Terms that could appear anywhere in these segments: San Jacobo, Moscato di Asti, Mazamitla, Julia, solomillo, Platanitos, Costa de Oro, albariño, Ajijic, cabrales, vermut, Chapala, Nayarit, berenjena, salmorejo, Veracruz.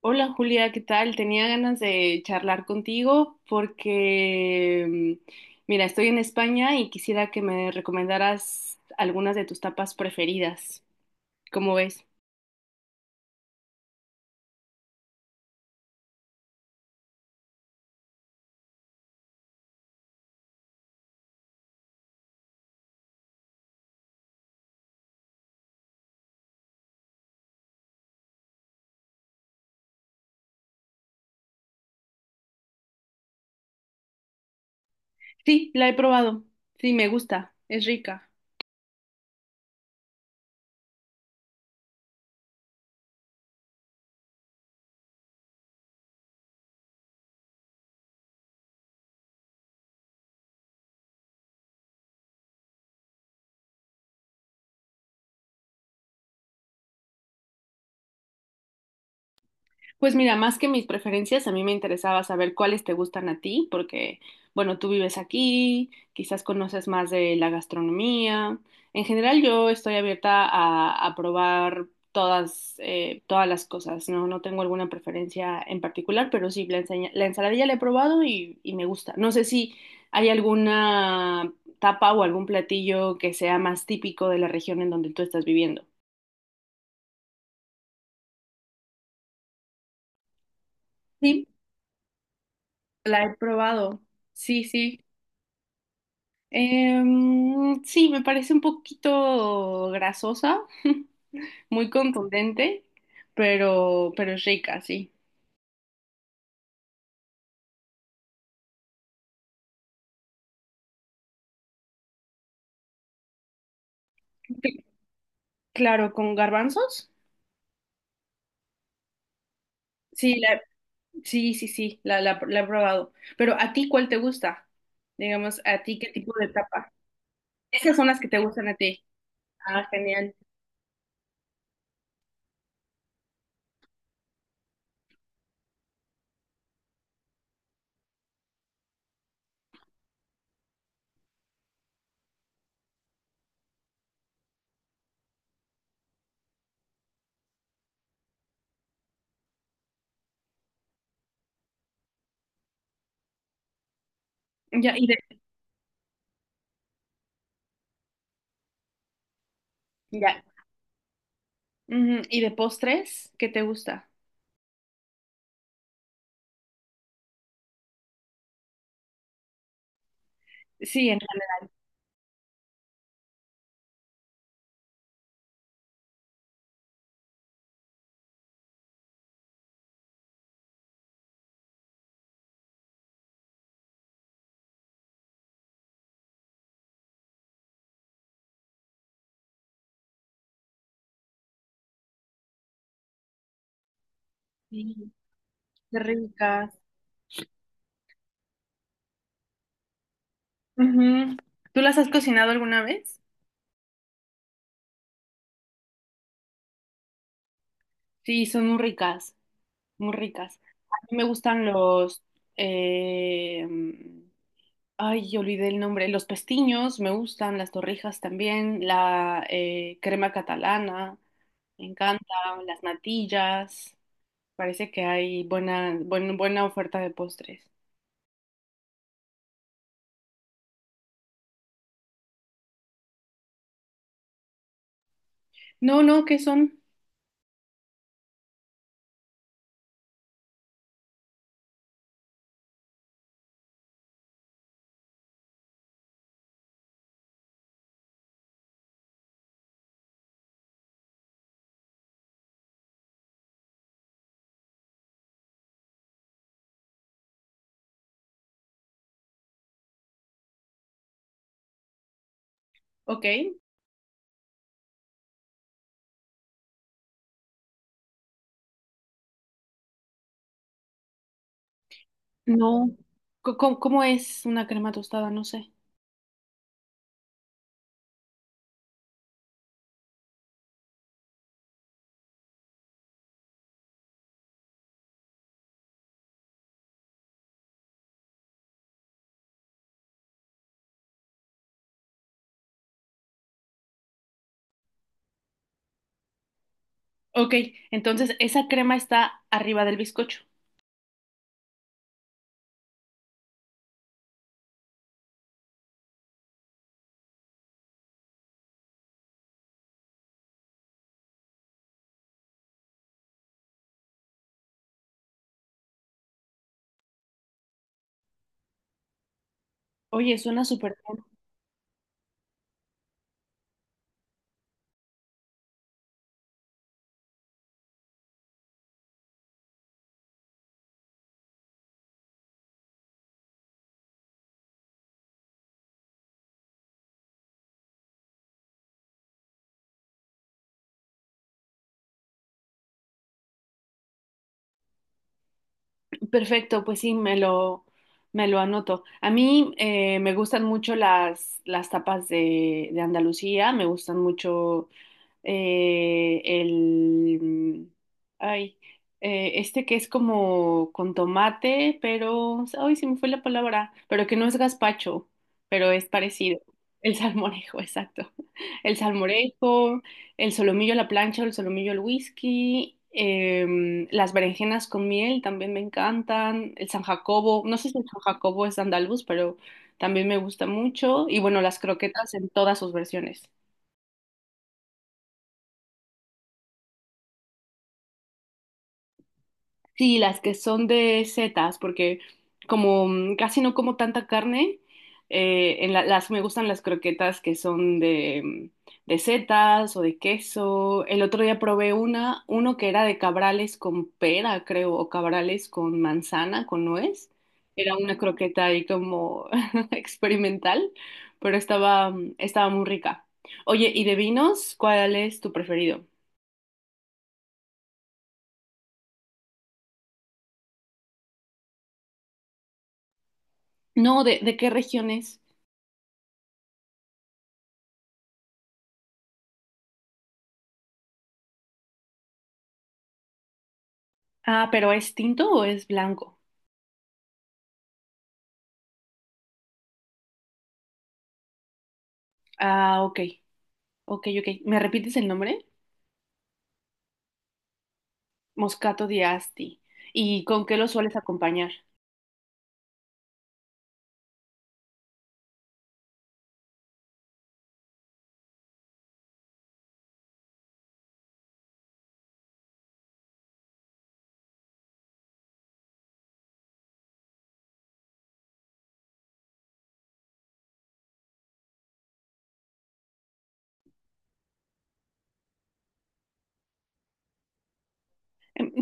Hola Julia, ¿qué tal? Tenía ganas de charlar contigo porque, mm, mira, estoy en España y quisiera que me recomendaras algunas de tus tapas preferidas. ¿Cómo ves? Sí, la he probado. Sí, me gusta. Es rica. Pues mira, más que mis preferencias, a mí me interesaba saber cuáles te gustan a ti, porque, bueno, tú vives aquí, quizás conoces más de la gastronomía. En general, yo estoy abierta a probar todas, todas las cosas, ¿no? No tengo alguna preferencia en particular, pero sí, la ensaladilla la he probado y me gusta. No sé si hay alguna tapa o algún platillo que sea más típico de la región en donde tú estás viviendo. Sí, la he probado. Sí, sí. Sí, me parece un poquito grasosa, muy contundente, pero es rica, sí. Claro, con garbanzos. Sí, la, sí, sí, sí, la he probado. Pero ¿a ti cuál te gusta? Digamos, ¿a ti qué tipo de tapa? Esas son las que te gustan a ti. Ah, genial. Ya, y de, ya. Ujú. ¿Y de postres? ¿Qué te gusta? Sí, en realidad. Qué ricas. Ujú. ¿Tú las has cocinado alguna vez? Sí, son muy ricas. Muy ricas. A mí me gustan los... eh, yo olvidé el nombre. Los pestiños me gustan, las torrijas también, la crema catalana, me encanta, las natillas. Parece que hay buena oferta de postres. No, no, ¿qué son? Ok. No. ¿Cómo es una crema tostada? No sé. Ok, entonces esa crema está arriba del bizcocho. Oye, suena súper bien. Perfecto, pues sí, me lo anoto. A mí me gustan mucho las tapas de Andalucía, me gustan mucho eh, el, ay, este que es como con tomate, pero, ay, se me fue la palabra, pero que no es gazpacho, pero es parecido. El salmorejo, exacto. El salmorejo, el solomillo a la plancha, el solomillo al whisky, las berenjenas con miel también me encantan, el San Jacobo, no sé si el San Jacobo es andaluz, pero también me gusta mucho, y bueno, las croquetas en todas sus versiones. Sí, las que son de setas, porque como casi no como tanta carne, las me gustan las croquetas que son de setas o de queso. El otro día probé uno que era de cabrales con pera, creo, o cabrales con manzana, con nuez. Era una croqueta ahí como experimental, pero estaba, estaba muy rica. Oye, ¿y de vinos? ¿Cuál es tu preferido? No, de qué regiones? Ah, pero ¿es tinto o es blanco? Ah, ok, ok, ok. ¿Me repites el nombre? Moscato di Asti. ¿Y con qué lo sueles acompañar?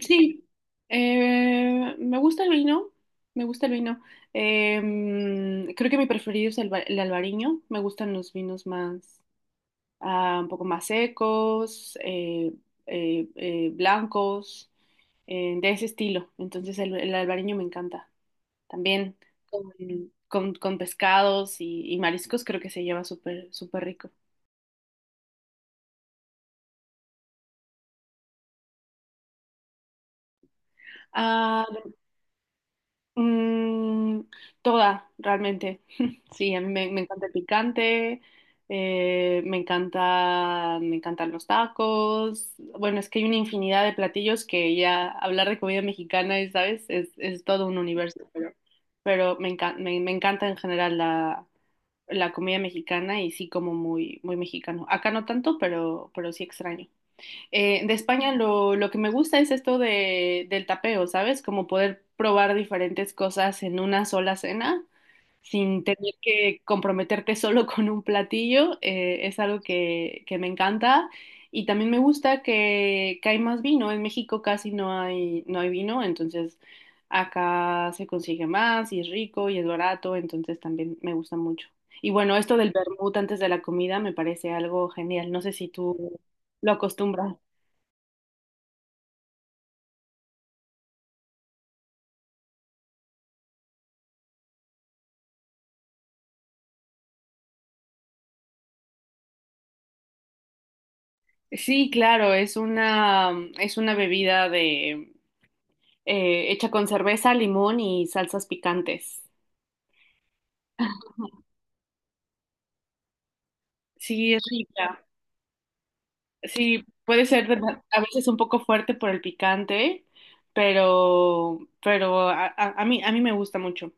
Sí, me gusta el vino, me gusta el vino. Creo que mi preferido es el albariño. Me gustan los vinos más, ah, un poco más secos, blancos, de ese estilo. Entonces el albariño me encanta. También con, con pescados y mariscos creo que se lleva súper, súper rico. Ah, mm, toda, realmente. Sí, a mí me encanta el picante, me encanta, me encantan los tacos. Bueno, es que hay una infinidad de platillos que ya hablar de comida mexicana, y, ¿sabes? Es todo un universo, pero, me encanta en general la comida mexicana y sí como muy, muy mexicano. Acá no tanto, pero sí extraño. De España lo que me gusta es esto del tapeo, ¿sabes? Como poder probar diferentes cosas en una sola cena sin tener que comprometerte solo con un platillo, es algo que me encanta. Y también me gusta que hay más vino. En México casi no hay, no hay vino, entonces acá se consigue más y es rico y es barato, entonces también me gusta mucho. Y bueno, esto del vermut antes de la comida me parece algo genial. No sé si tú lo acostumbras. Sí, claro, es una bebida de, hecha con cerveza, limón y salsas picantes. Sí, es rica. Sí, puede ser de- a veces un poco fuerte por el picante, pero a mí me gusta mucho.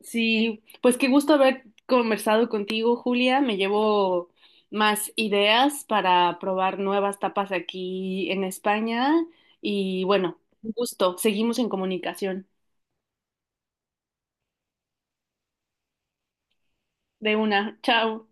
Sí, pues qué gusto haber conversado contigo, Julia. Me llevo más ideas para probar nuevas tapas aquí en España. Y bueno, un gusto. Seguimos en comunicación. De una. Chao.